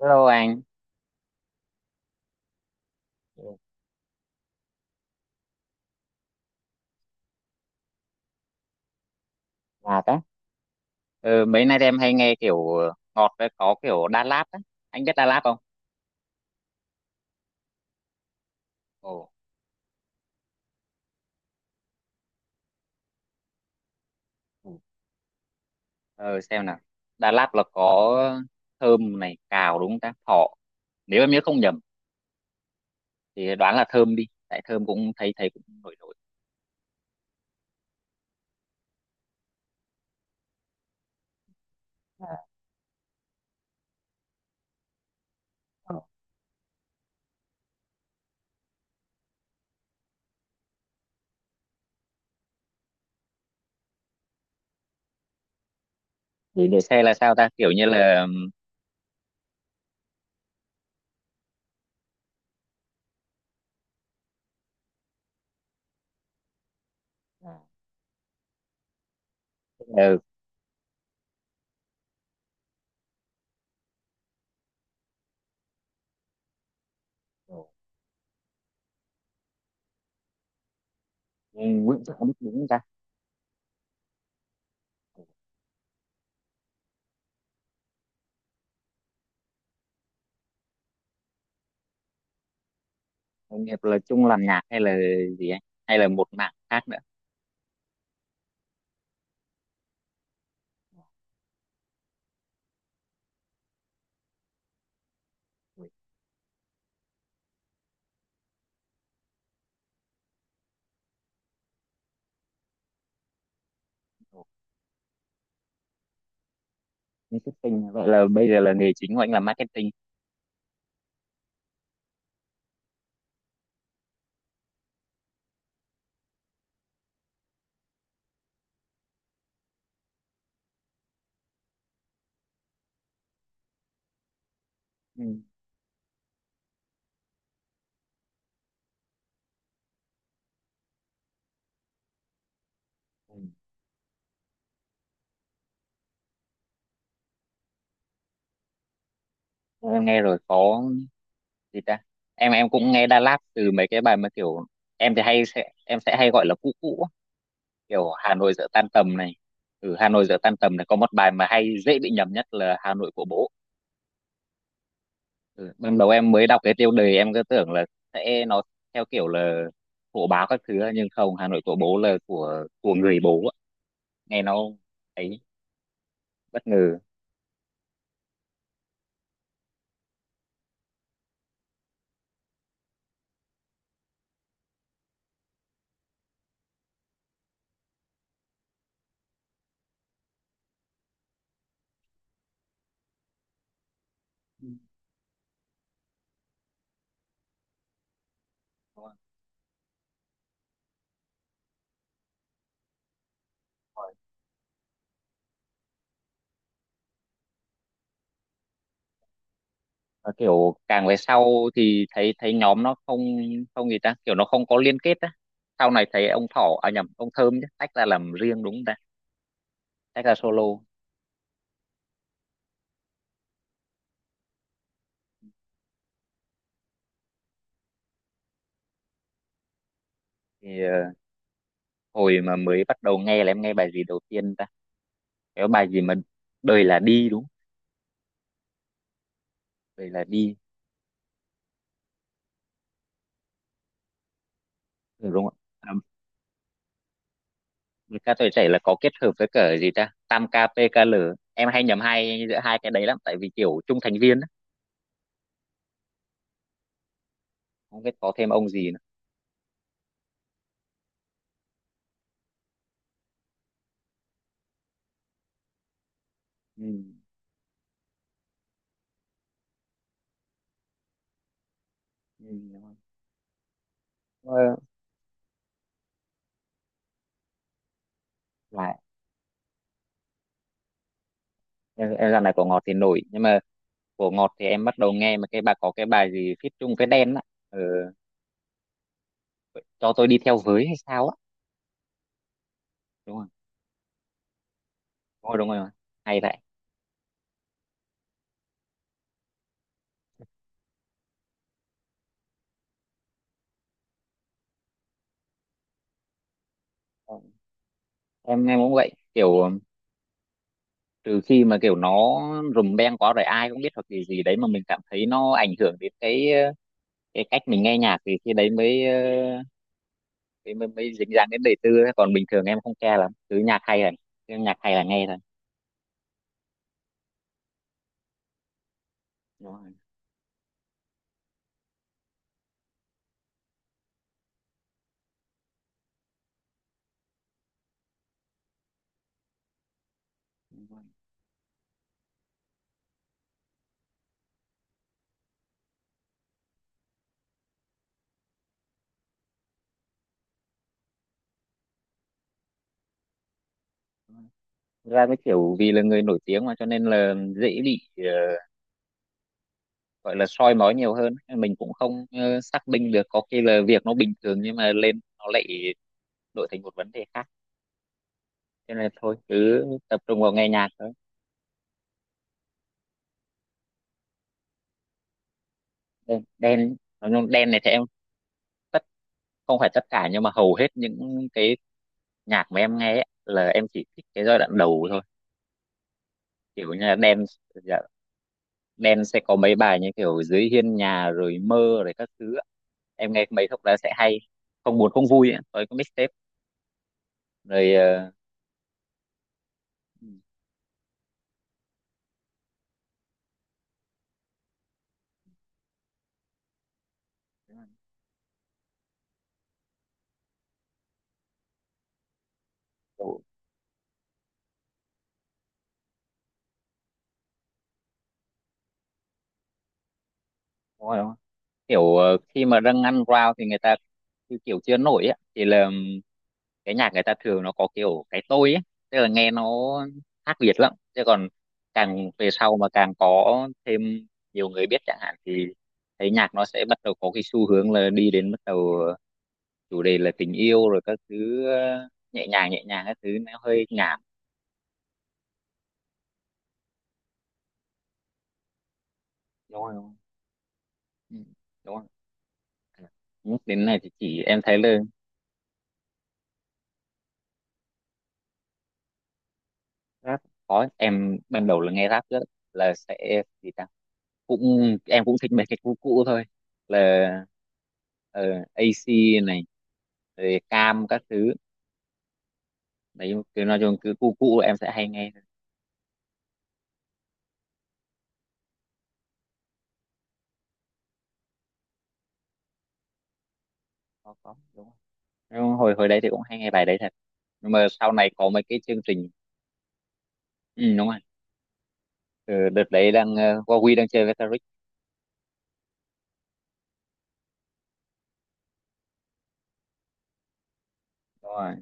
Hello anh. Ừ, ngọt á. Ừ, mấy nay em hay nghe kiểu ngọt với có kiểu Đà Lạt á. Anh biết Đà Lạt không? Ồ. Ừ. Ờ, xem nào. Đà Lạt là có thơm này, cào đúng không ta? Thọ. Nếu em nhớ không nhầm thì đoán là thơm đi. Tại thơm cũng thấy thấy cũng nổi nổi. Ờ. Thì để xe là sao ta? Kiểu như là à, ừ, ừ. Nguyễn Trọng biết đúng không ta? Anh Hiệp là chung làm nhạc hay là gì anh? Hay là một mảng khác nữa? Ừ, ừ. Marketing. Vậy là bây giờ là nghề chính của anh là marketing. Ừ. Ừ. Em nghe rồi, có gì ta, em cũng nghe Đà Lạt từ mấy cái bài mà kiểu em thì hay sẽ em sẽ hay gọi là cũ cũ á. Kiểu Hà Nội giữa tan tầm này, ừ, Hà Nội giữa tan tầm này có một bài mà hay dễ bị nhầm nhất là Hà Nội của bố. Ừ, ban đầu em mới đọc cái tiêu đề em cứ tưởng là sẽ nó theo kiểu là hộ báo các thứ á, nhưng không, Hà Nội của bố là của người bố á. Nghe nó ấy, bất ngờ. Ừ. Và kiểu càng về sau thì thấy thấy nhóm nó không, không gì ta, kiểu nó không có liên kết á. Sau này thấy ông Thỏ, à nhầm, ông Thơm chứ, tách ra làm riêng đúng không ta, tách ra solo. Thì hồi mà mới bắt đầu nghe là em nghe bài gì đầu tiên ta, cái bài gì mà đời là đi đúng không? Đời là đi. Ừ, đúng không ạ. À, với ca tuổi trẻ là có kết hợp với cả gì ta tam KPKL. Em hay nhầm hai giữa hai cái đấy lắm tại vì kiểu chung thành viên á. Không biết có thêm ông gì nữa. Ừ. Ừ, đúng rồi. Ờ, lại em dạo này của ngọt thì nổi, nhưng mà của Ngọt thì em bắt đầu nghe mà cái bà có cái bài gì feat chung với Đen á, ừ, cho tôi đi theo với hay sao á. Đúng rồi, đúng rồi, đúng rồi. Hay vậy. Ừ, em cũng vậy, kiểu trừ khi mà kiểu nó rùm beng quá rồi ai cũng biết hoặc gì gì đấy mà mình cảm thấy nó ảnh hưởng đến cái cái cách mình nghe nhạc thì khi đấy mới mới dính dáng đến đời tư ấy. Còn bình thường em không care lắm, cứ nhạc hay là cứ nhạc hay là nghe thôi. Đúng rồi, đúng rồi. Đúng rồi. Thực ra cái kiểu vì là người nổi tiếng mà cho nên là dễ bị gọi là soi mói nhiều hơn, mình cũng không xác minh được, có khi là việc nó bình thường nhưng mà lên nó lại đổi thành một vấn đề khác, cho nên thôi cứ tập trung vào nghe nhạc thôi. Đen, đen nói chung đen này thì em tất, không phải tất cả nhưng mà hầu hết những cái nhạc mà em nghe ấy, là em chỉ thích cái giai đoạn đầu thôi, kiểu như là đen. Dạ, đen sẽ có mấy bài như kiểu dưới hiên nhà rồi mơ rồi các thứ ạ. Em nghe mấy khúc đó sẽ hay, không buồn không vui ấy, với cái mixtape. Rồi ừ, đúng rồi, đúng rồi. Kiểu khi mà dâng ăn rau thì người ta kiểu, kiểu chưa nổi á thì là cái nhạc người ta thường nó có kiểu cái tôi ấy, tức là nghe nó khác biệt lắm, chứ còn càng về sau mà càng có thêm nhiều người biết chẳng hạn thì thấy nhạc nó sẽ bắt đầu có cái xu hướng là đi đến bắt đầu chủ đề là tình yêu rồi các thứ, nhẹ nhàng các thứ, nó hơi nhảm. Đúng rồi, đúng rồi. Ừ, đúng không. Nhắc đến này thì chỉ em thấy là rap, có, em ban đầu là nghe rap rất là sẽ gì ta, cũng em cũng thích mấy cái cũ cũ thôi, là ờ, AC này rồi cam các thứ. Đấy, cứ nói chung cứ cũ cũ em sẽ hay nghe thôi. Có đúng không, nhưng hồi hồi đấy thì cũng hay nghe bài đấy thật, nhưng mà sau này có mấy cái chương trình. Ừ, đúng rồi. Ừ, đợt đấy đang Huawei đang chơi với Taric. Đúng rồi.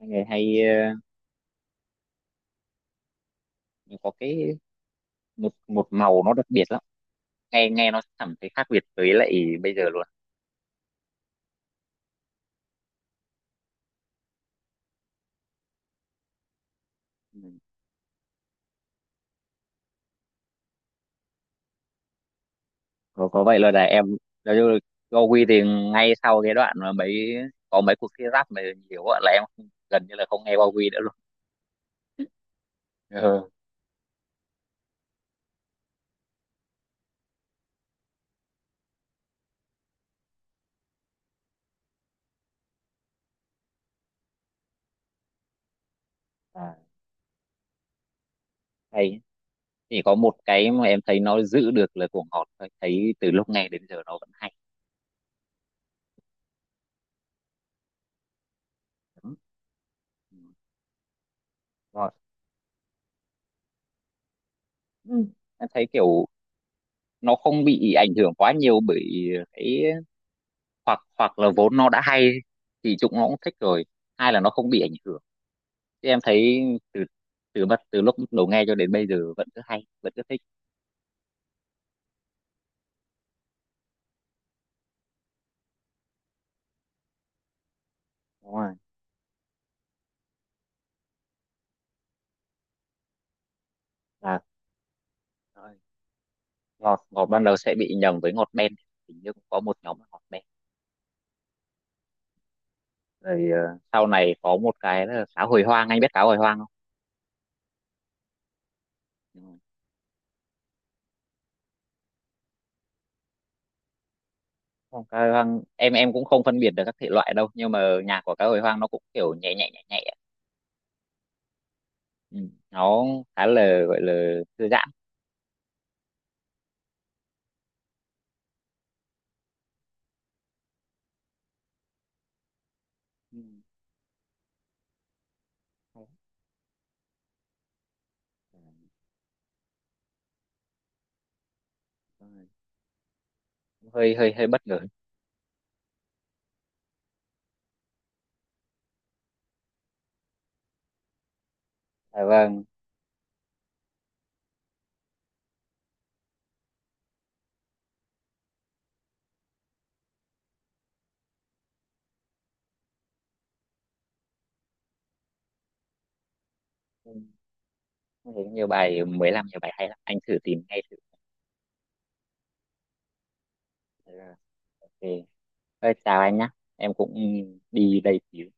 Mấy người hay nhưng có cái một một màu nó đặc biệt lắm, nghe nghe nó cảm thấy khác biệt với lại bây giờ luôn. Ừ. Có vậy là em nói chung là Gowi thì ngay sau cái đoạn mà mấy, có mấy cuộc thi rap mà nhiều á là em không- gần như là không nghe Go quy nữa luôn. Ừ. À, hay, chỉ có một cái mà em thấy nó giữ được là cuồng họt thôi, thấy từ lúc nghe đến giờ nó vẫn hay. Đúng. Ừ, rồi. Ừ. Em thấy kiểu nó không bị ảnh hưởng quá nhiều bởi cái, hoặc hoặc là vốn nó đã hay thì chúng nó cũng thích rồi, hai là nó không bị ảnh hưởng. Thì em thấy từ, từ bắt từ lúc đầu nghe cho đến bây giờ vẫn cứ hay vẫn cứ thích. Đúng rồi. À, rồi. Ngọt, ngọt ban đầu sẽ bị nhầm với ngọt đen, hình như cũng có một nhóm là ngọt đen. Rồi sau này có một cái là cá hồi hoang, anh biết cá hồi hoang không? Ừ. Không, cá hồi hoang em cũng không phân biệt được các thể loại đâu, nhưng mà nhạc của cá hồi hoang nó cũng kiểu nhẹ nhẹ nhẹ nhẹ. Ừ. Nó khá là gọi là thư giãn. Ừ. Hơi hơi hơi bất ngờ. À, vâng. Ừ. Em thấy nhiều bài mới làm nhiều bài hay lắm, anh thử tìm ngay thử. Ừ. Ok. Thôi, chào anh nhá, em cũng đi đây xíu.